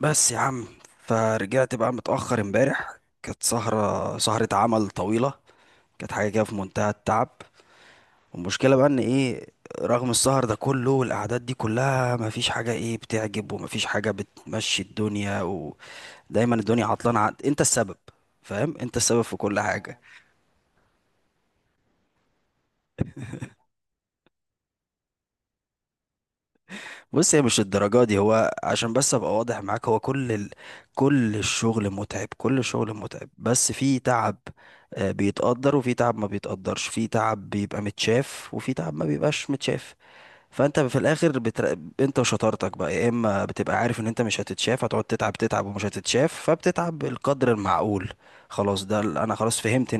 بس يا عم، فرجعت بقى متأخر امبارح، كانت سهرة عمل طويلة. كانت حاجة كده في منتهى التعب. والمشكلة بقى ان ايه، رغم السهر ده كله والأعداد دي كلها مفيش حاجة ايه بتعجب ومفيش حاجة بتمشي الدنيا، ودايما الدنيا عطلانة، انت السبب. فاهم، انت السبب في كل حاجة. بص، هي مش الدرجة دي. هو عشان بس ابقى واضح معاك، هو كل الشغل متعب، كل الشغل متعب، بس في تعب. بيتقدر، وفي تعب ما بيتقدرش، في تعب بيبقى متشاف، وفي تعب ما بيبقاش متشاف. فانت في الاخر انت وشطارتك بقى، يا اما بتبقى عارف ان انت مش هتتشاف، هتقعد تتعب تتعب ومش هتتشاف فبتتعب بالقدر المعقول. خلاص، انا خلاص فهمت.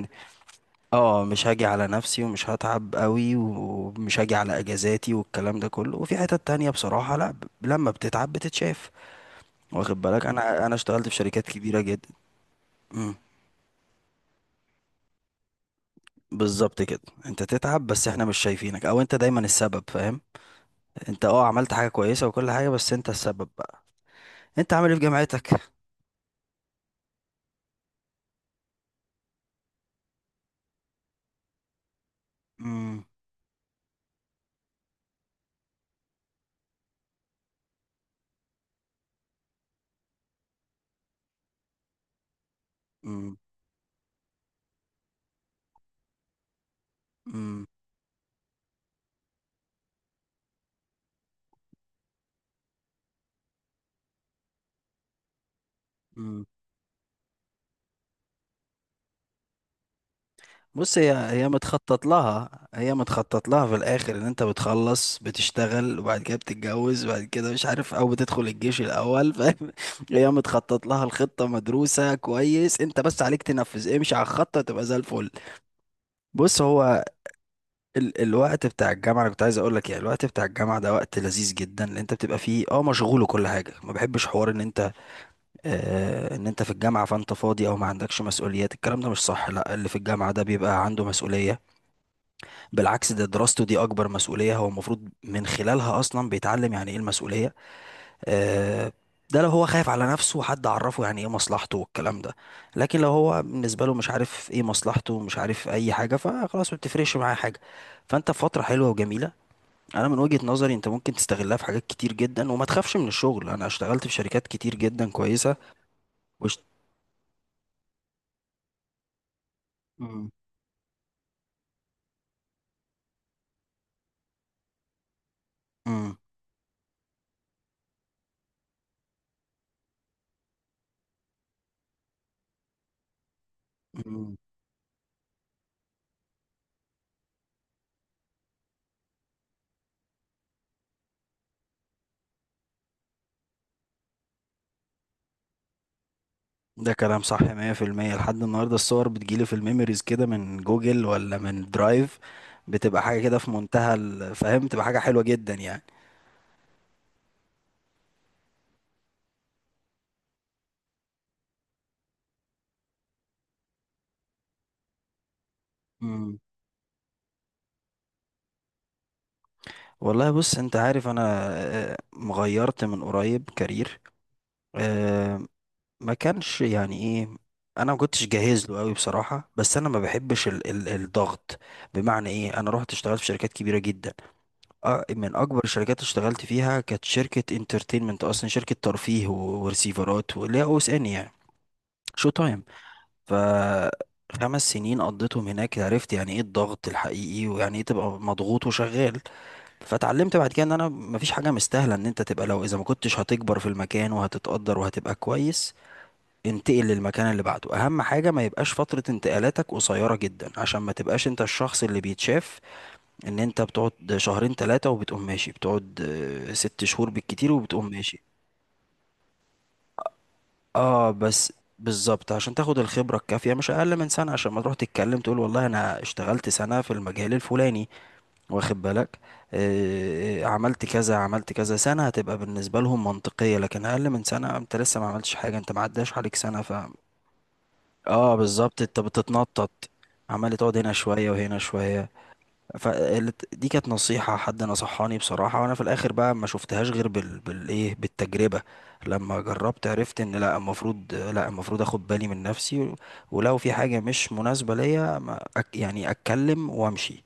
اه، مش هاجي على نفسي ومش هتعب قوي ومش هاجي على اجازاتي والكلام ده كله، وفي حتت تانية بصراحة لا، لما بتتعب بتتشاف. واخد بالك، انا اشتغلت في شركات كبيرة جدا. امم. بالظبط كده. انت تتعب بس احنا مش شايفينك، او انت دايما السبب فاهم. انت عملت حاجة كويسة وكل حاجة، بس انت السبب بقى. انت عامل ايه في جامعتك؟ امم، امم، امم. بص، هي متخطط لها في الاخر، ان انت بتخلص بتشتغل وبعد كده بتتجوز وبعد كده مش عارف، او بتدخل الجيش الاول فاهم هي متخطط لها، الخطة مدروسة كويس، انت بس عليك تنفذ، امشي على الخطة تبقى زي الفل. بص هو، الوقت بتاع الجامعة، انا كنت عايز اقول لك يعني، الوقت بتاع الجامعة ده وقت لذيذ جدا، اللي انت بتبقى فيه مشغول وكل حاجة. ما بحبش حوار ان انت ان انت في الجامعة فانت فاضي او ما عندكش مسؤوليات، الكلام ده مش صح. لا، اللي في الجامعة ده بيبقى عنده مسؤولية. بالعكس، ده دراسته دي أكبر مسؤولية، هو المفروض من خلالها أصلا بيتعلم يعني إيه المسؤولية. آه، ده لو هو خايف على نفسه حد عرفه يعني إيه مصلحته والكلام ده. لكن لو هو بالنسبة له مش عارف إيه مصلحته، مش عارف أي حاجة، فخلاص ما بتفرقش معاه حاجة. فأنت في فترة حلوة وجميلة. أنا من وجهة نظري، أنت ممكن تستغلها في حاجات كتير جدا وما تخافش من الشغل. أنا اشتغلت في شركات كتير جدا كويسة واشت... مم. مم. مم. ده كلام صح 100%. لحد النهارده الصور بتجيلي في الميموريز كده من جوجل ولا من درايف. بتبقى حاجة كده في منتهى الفهم، تبقى حاجة حلوة جدا يعني. مم. والله، بص انت عارف انا، مغيرت من قريب كارير. آه، ما كانش يعني ايه، انا ما كنتش جاهز له قوي بصراحة، بس انا ما بحبش ال ال الضغط. بمعنى ايه، انا رحت اشتغلت في شركات كبيرة جدا. من اكبر الشركات اشتغلت فيها كانت شركه انترتينمنت، اصلا شركه ترفيه ورسيفرات، واللي هي او اس ان يعني. شو تايم. ف 5 سنين قضيتهم هناك، عرفت يعني ايه الضغط الحقيقي، ويعني ايه تبقى مضغوط وشغال. فتعلمت بعد كده ان انا مفيش حاجه مستاهله، ان انت تبقى لو اذا ما كنتش هتكبر في المكان وهتتقدر وهتبقى كويس، انتقل للمكان اللي بعده. اهم حاجه ما يبقاش فتره انتقالاتك قصيره جدا عشان ما تبقاش انت الشخص اللي بيتشاف، ان انت بتقعد شهرين ثلاثة وبتقوم ماشي، بتقعد ست شهور بالكتير وبتقوم ماشي. اه بس، بالظبط عشان تاخد الخبرة الكافية، مش اقل من سنة، عشان ما تروح تتكلم تقول والله انا اشتغلت سنة في المجال الفلاني، واخد بالك، عملت كذا عملت كذا سنة هتبقى بالنسبة لهم منطقية، لكن اقل من سنة انت لسه ما عملتش حاجة، انت ما عداش عليك سنة ف. اه بالظبط، انت بتتنطط، عمال تقعد هنا شوية وهنا شوية. فدي كانت نصيحة حد نصحاني بصراحة، وانا في الاخر بقى ما شفتهاش غير بالتجربة. لما جربت عرفت ان لا المفروض اخد بالي من نفسي ولو في حاجة مش مناسبة ليا، ما أك... يعني اتكلم وامشي.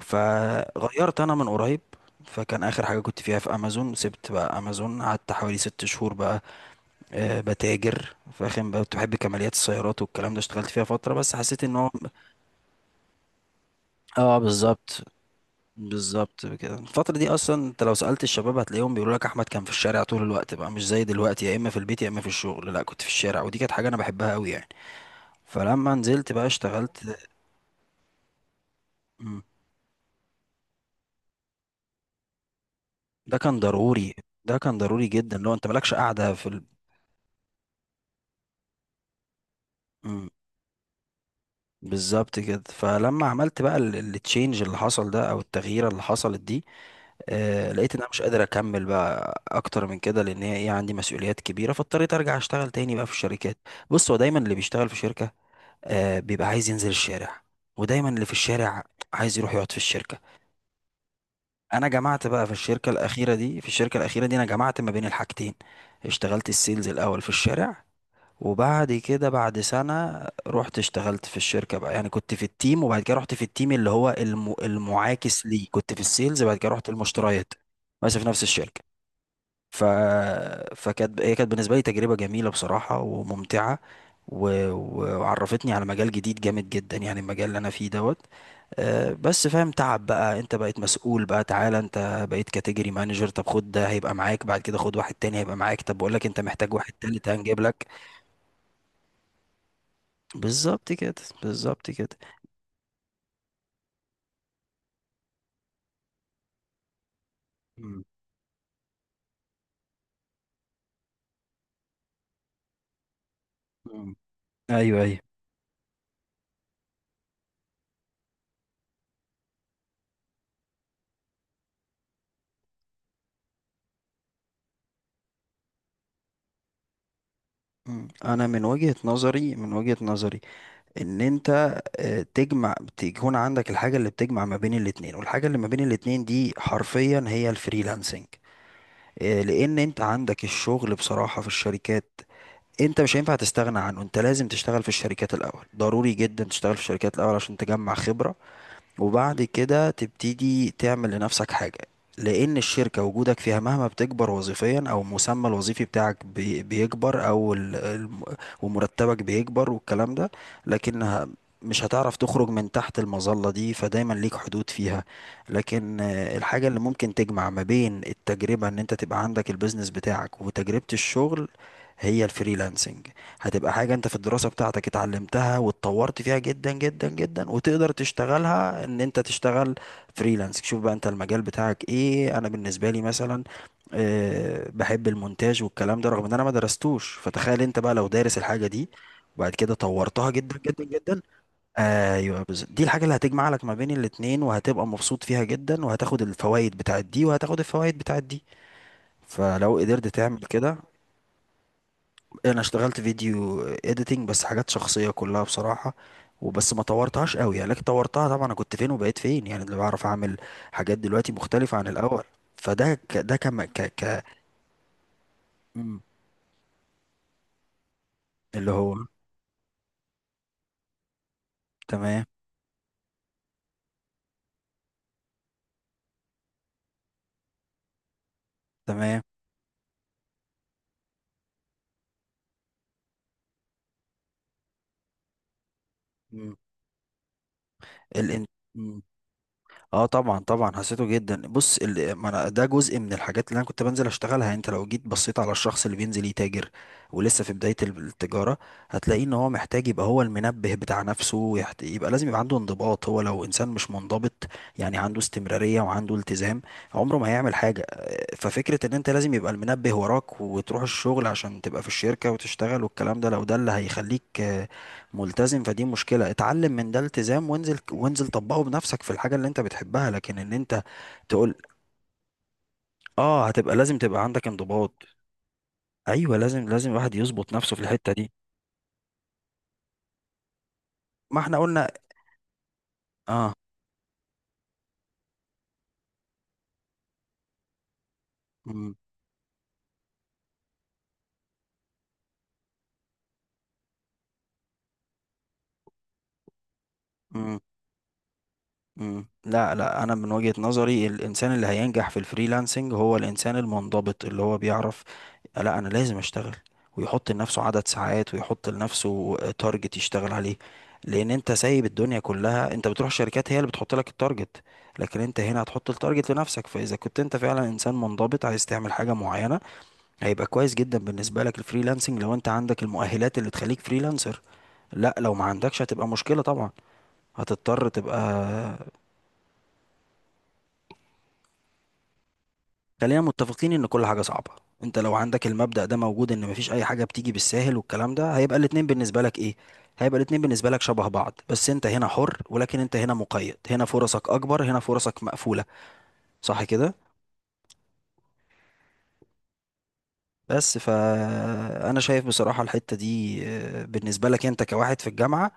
فغيرت انا من قريب. فكان اخر حاجة كنت فيها في امازون، سبت بقى امازون، قعدت حوالي 6 شهور بقى. أه، بتاجر فاهم بقى، كنت بحب كماليات السيارات والكلام ده، اشتغلت فيها فترة بس حسيت ان هو، اه بالظبط. بالظبط كده، الفترة دي أصلا أنت لو سألت الشباب هتلاقيهم بيقولوا لك أحمد كان في الشارع طول الوقت بقى، مش زي دلوقتي يا إما في البيت يا إما في الشغل، لا كنت في الشارع، ودي كانت حاجة أنا بحبها أوي يعني. فلما نزلت بقى اشتغلت. مم. ده كان ضروري ده كان ضروري جدا، لو أنت مالكش قاعدة في مم. بالظبط كده، فلما عملت بقى التشينج اللي حصل ده أو التغيير اللي حصلت دي، لقيت ان انا مش قادر اكمل بقى اكتر من كده، لان هي ايه عندي مسؤوليات كبيره، فاضطريت ارجع اشتغل تاني بقى في الشركات. بص، هو دايما اللي بيشتغل في شركه بيبقى عايز ينزل الشارع، ودايما اللي في الشارع عايز يروح يقعد في الشركة. انا جمعت بقى في الشركة الأخيرة دي انا جمعت ما بين الحاجتين. اشتغلت السيلز الأول في الشارع، وبعد كده بعد سنة رحت اشتغلت في الشركة بقى، يعني كنت في التيم، وبعد كده رحت في التيم اللي هو المعاكس ليه، كنت في السيلز بعد كده رحت المشتريات. بس في نفس الشركة. ف... فكانت هي كانت بالنسبة لي تجربة جميلة بصراحة وممتعة، وعرفتني على مجال جديد جامد جدا، يعني المجال اللي انا فيه دوت. أه بس فاهم، تعب بقى، انت بقيت مسؤول بقى، تعالى انت بقيت كاتيجوري مانجر، طب خد ده هيبقى معاك، بعد كده خد واحد تاني هيبقى معاك، طب بقول لك انت محتاج واحد تالت هنجيب لك. بالظبط كده، بالظبط كده. مم. مم. ايوه، ايوه. مم. انا من وجهة نظري ان انت تجمع، تكون عندك الحاجة اللي بتجمع ما بين الاتنين، والحاجة اللي ما بين الاتنين دي حرفيا هي الفريلانسنج. لان انت عندك الشغل بصراحة في الشركات، انت مش هينفع تستغنى عنه. انت لازم تشتغل في الشركات الاول، ضروري جدا تشتغل في الشركات الاول عشان تجمع خبرة، وبعد كده تبتدي تعمل لنفسك حاجة. لأن الشركة، وجودك فيها مهما بتكبر وظيفيا أو المسمى الوظيفي بتاعك بيكبر، أو ومرتبك بيكبر والكلام ده، لكن مش هتعرف تخرج من تحت المظلة دي، فدايما ليك حدود فيها. لكن الحاجة اللي ممكن تجمع ما بين التجربة، ان انت تبقى عندك البيزنس بتاعك وتجربة الشغل، هي الفريلانسنج. هتبقى حاجة انت في الدراسة بتاعتك اتعلمتها واتطورت فيها جدا جدا جدا، وتقدر تشتغلها ان انت تشتغل فريلانس. شوف بقى انت المجال بتاعك ايه، انا بالنسبة لي مثلا بحب المونتاج والكلام ده، رغم ان انا ما درستوش، فتخيل انت بقى لو دارس الحاجة دي وبعد كده طورتها جدا جدا جدا. ايوه، بالظبط، دي الحاجة اللي هتجمع لك ما بين الاتنين، وهتبقى مبسوط فيها جدا، وهتاخد الفوائد بتاعت دي وهتاخد الفوائد بتاعت دي. فلو قدرت تعمل كده. انا اشتغلت فيديو اديتنج بس حاجات شخصيه كلها بصراحه، وبس ما طورتهاش قوي يعني، لكن طورتها طبعا، انا كنت فين وبقيت فين، يعني اللي بعرف اعمل حاجات دلوقتي مختلفه عن الاول. فده ك... ده كم ك... ك... مم. اللي هو. تمام، تمام. مم. الان... اه، طبعا طبعا حسيته جدا. بص ما أنا ده جزء من الحاجات اللي انا كنت بنزل اشتغلها، يعني انت لو جيت بصيت على الشخص اللي بينزل يتاجر ولسه في بداية التجارة، هتلاقيه ان هو محتاج يبقى هو المنبه بتاع نفسه، يبقى لازم يبقى عنده انضباط، هو لو انسان مش منضبط، يعني عنده استمرارية وعنده التزام، عمره ما هيعمل حاجة. ففكرة ان انت لازم يبقى المنبه وراك وتروح الشغل عشان تبقى في الشركة وتشتغل والكلام ده، لو ده اللي هيخليك ملتزم فدي مشكلة. اتعلم من ده التزام، وانزل، وانزل طبقه بنفسك في الحاجة اللي انت بتحبها، لكن ان انت تقول، اه، هتبقى لازم تبقى عندك انضباط. ايوه، لازم لازم الواحد يظبط نفسه في الحتة دي. ما احنا قلنا. اه. مم. مم. مم. لا، لا، انا من وجهة نظري الانسان اللي هينجح في الفريلانسنج هو الانسان المنضبط، اللي هو بيعرف لا انا لازم اشتغل، ويحط لنفسه عدد ساعات ويحط لنفسه تارجت يشتغل عليه. لان انت سايب الدنيا كلها، انت بتروح شركات هي اللي بتحط لك التارجت، لكن انت هنا هتحط التارجت لنفسك. فاذا كنت انت فعلا انسان منضبط عايز تعمل حاجة معينة، هيبقى كويس جدا بالنسبة لك الفريلانسنج، لو انت عندك المؤهلات اللي تخليك فريلانسر. لا، لو ما عندكش هتبقى مشكلة طبعا، هتضطر تبقى. خلينا متفقين ان كل حاجة صعبة. انت لو عندك المبدأ ده موجود، ان مفيش اي حاجة بتيجي بالساهل والكلام ده، هيبقى الاتنين بالنسبة لك ايه، هيبقى الاتنين بالنسبة لك شبه بعض، بس انت هنا حر ولكن انت هنا مقيد، هنا فرصك اكبر، هنا فرصك مقفولة. صح كده؟ بس فانا شايف بصراحة الحتة دي بالنسبة لك انت كواحد في الجامعة،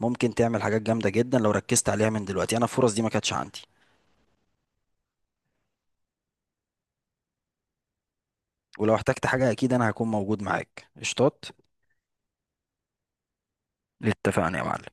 ممكن تعمل حاجات جامدة جدا لو ركزت عليها من دلوقتي. انا الفرص دي ما كانتش عندي. ولو احتجت حاجة اكيد انا هكون موجود معاك، قشطات. اتفقنا يا معلم.